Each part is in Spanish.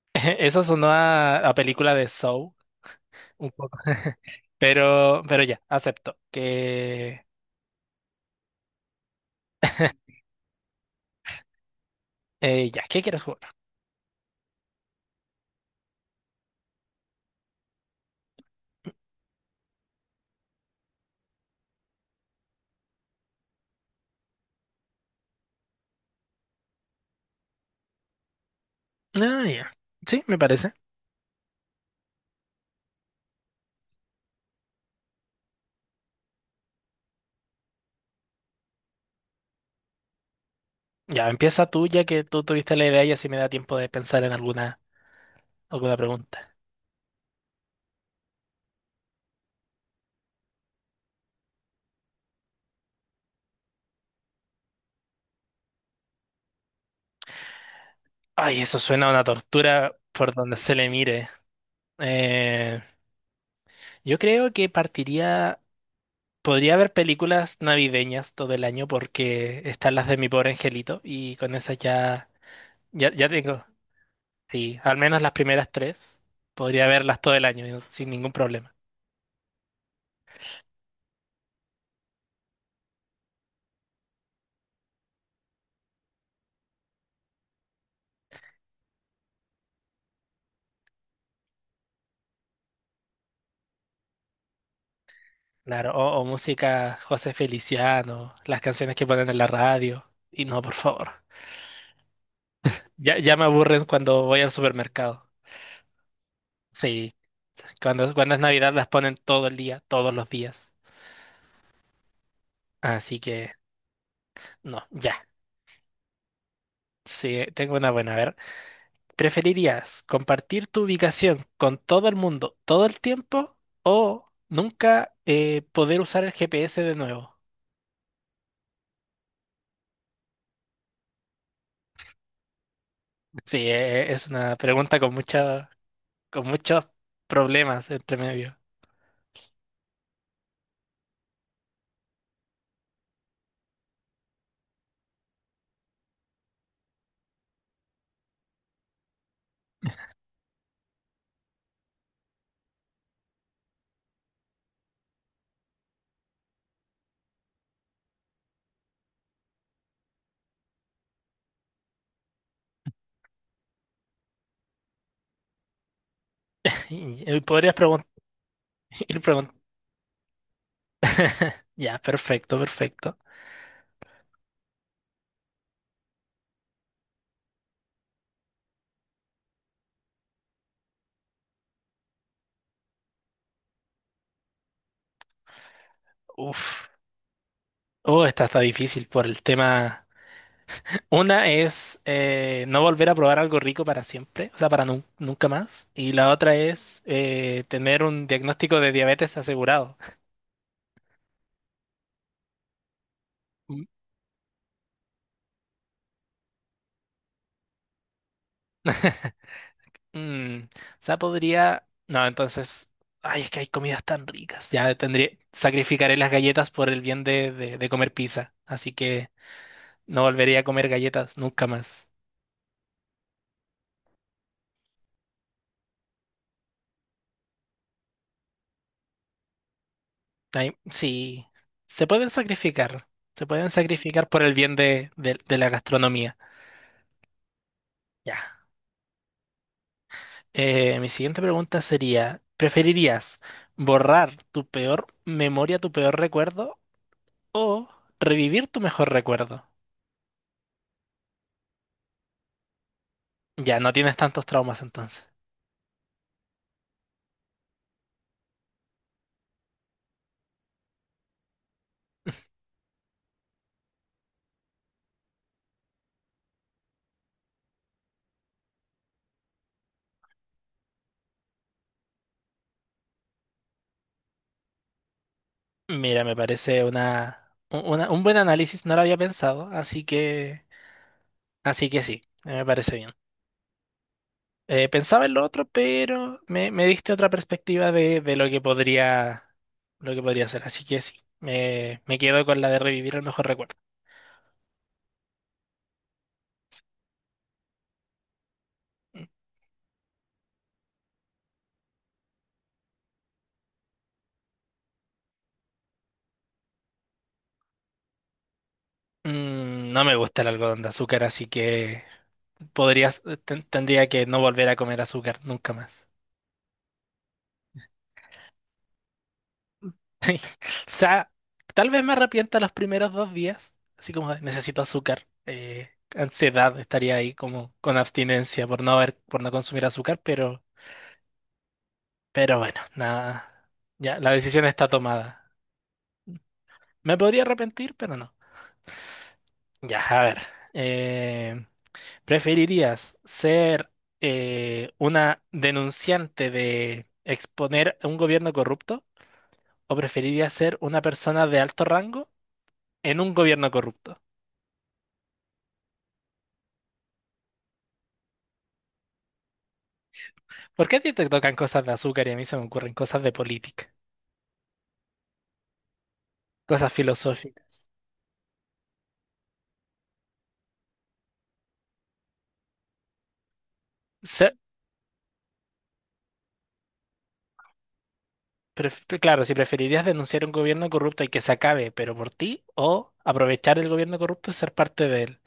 Eso sonó a película de Saw, un poco. Pero ya, acepto que... Ya, ¿qué quieres jugar? Ah, ya. Sí, me parece. Ya, empieza tú, ya que tú tuviste la idea y así me da tiempo de pensar en alguna pregunta. Ay, eso suena a una tortura por donde se le mire. Eh, yo creo que partiría. Podría haber películas navideñas todo el año porque están las de Mi Pobre Angelito y con esas ya, ya, ya tengo. Sí, al menos las primeras tres. Podría verlas todo el año yo, sin ningún problema. Claro, o música José Feliciano, las canciones que ponen en la radio. Y no, por favor. Ya, ya me aburren cuando voy al supermercado. Sí, cuando es Navidad las ponen todo el día, todos los días. Así que, no, ya. Sí, tengo una buena. A ver, ¿preferirías compartir tu ubicación con todo el mundo todo el tiempo o nunca poder usar el GPS de nuevo? Sí, es una pregunta con muchos problemas entre medio. Y podrías ir preguntando. Ya, perfecto, perfecto. Uf. Oh, esta está difícil por el tema. Una es no volver a probar algo rico para siempre, o sea, para nunca más. Y la otra es tener un diagnóstico de diabetes asegurado. Mm. O sea, podría. No, entonces. Ay, es que hay comidas tan ricas. Ya tendría. Sacrificaré las galletas por el bien de comer pizza. Así que no volveré a comer galletas nunca más. Ay, sí. Se pueden sacrificar. Se pueden sacrificar por el bien de la gastronomía. Ya. Mi siguiente pregunta sería: ¿preferirías borrar tu peor memoria, tu peor recuerdo o revivir tu mejor recuerdo? Ya, no tienes tantos traumas entonces. Mira, me parece un buen análisis, no lo había pensado, así que, sí, me parece bien. Pensaba en lo otro, pero me diste otra perspectiva de lo que podría ser, así que sí, me quedo con la de revivir el mejor recuerdo. No me gusta el algodón de azúcar, así que tendría que no volver a comer azúcar nunca más. O sea, tal vez me arrepienta los primeros 2 días, así como de, necesito azúcar, ansiedad, estaría ahí como con abstinencia por no consumir azúcar, bueno, nada, ya la decisión está tomada. Me podría arrepentir, pero no. Ya, a ver, eh, ¿preferirías ser una denunciante de exponer a un gobierno corrupto o preferirías ser una persona de alto rango en un gobierno corrupto? ¿Por qué a ti te tocan cosas de azúcar y a mí se me ocurren cosas de política, cosas filosóficas? Se- claro, si preferirías denunciar un gobierno corrupto y que se acabe, pero por ti, o aprovechar el gobierno corrupto y ser parte de él.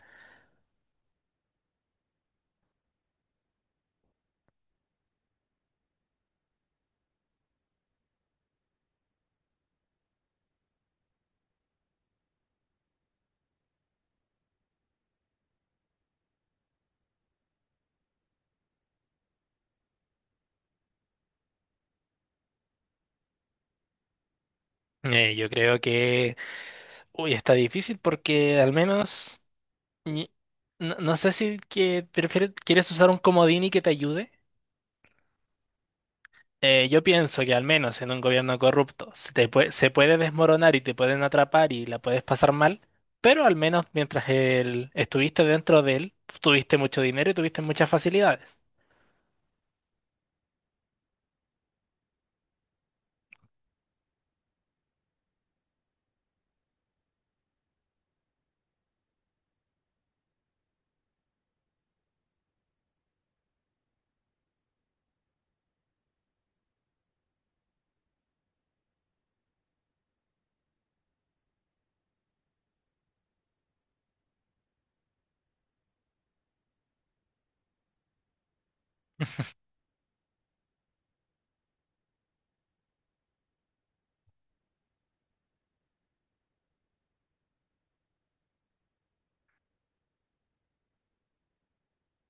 Yo creo que, uy, está difícil porque al menos, ni- no, no sé si que prefieres, quieres usar un comodín y que te ayude. Yo pienso que al menos en un gobierno corrupto se puede desmoronar y te pueden atrapar y la puedes pasar mal, pero al menos mientras él estuviste dentro de él, tuviste mucho dinero y tuviste muchas facilidades.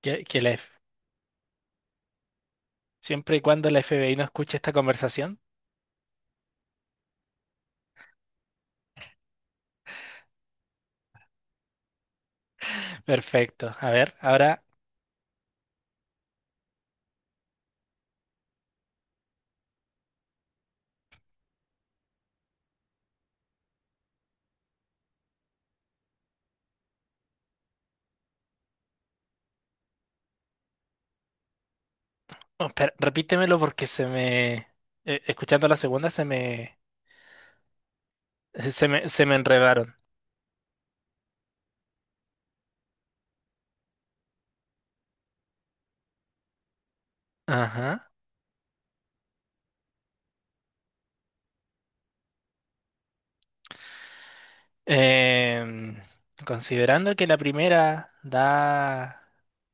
Que, que la F- Siempre y cuando la FBI no escuche esta conversación. Perfecto. A ver, ahora, oh, espera, repítemelo porque escuchando la segunda se me enredaron. Ajá. Em, considerando que la primera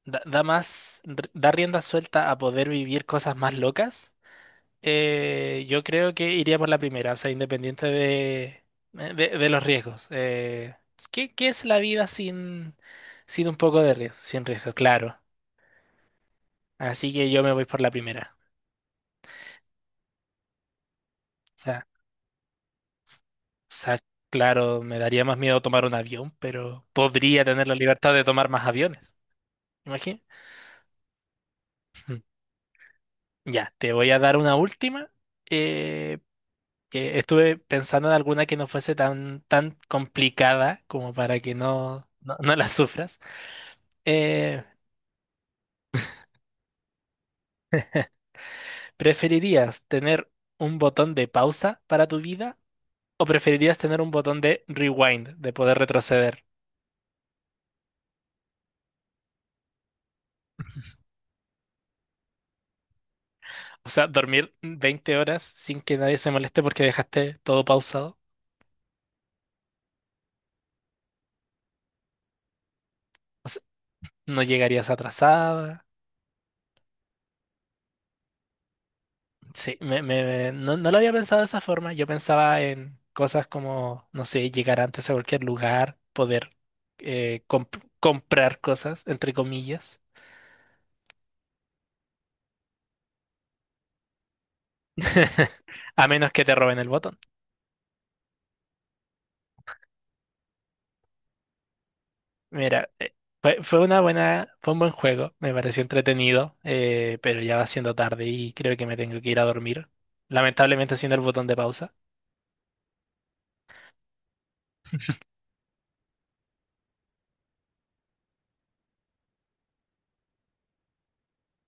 da, da más, da rienda suelta a poder vivir cosas más locas, yo creo que iría por la primera, o sea, independiente de los riesgos. ¿Qué es la vida sin un poco de riesgo? Sin riesgo, claro. Así que yo me voy por la primera. O sea, o sea, claro, me daría más miedo tomar un avión, pero podría tener la libertad de tomar más aviones. Imagínate. Ya, te voy a dar una última. eh, que estuve pensando en alguna que no fuese tan complicada como para que no la sufras. Eh, ¿Preferirías tener un botón de pausa para tu vida o preferirías tener un botón de rewind, de poder retroceder? O sea, dormir 20 horas sin que nadie se moleste porque dejaste todo pausado. O sea, no llegarías atrasada. Sí, no lo había pensado de esa forma. Yo pensaba en cosas como, no sé, llegar antes a cualquier lugar, poder comprar cosas, entre comillas, a menos que te roben el botón. Mira, fue un buen juego, me pareció entretenido, pero ya va siendo tarde y creo que me tengo que ir a dormir. Lamentablemente haciendo el botón de pausa.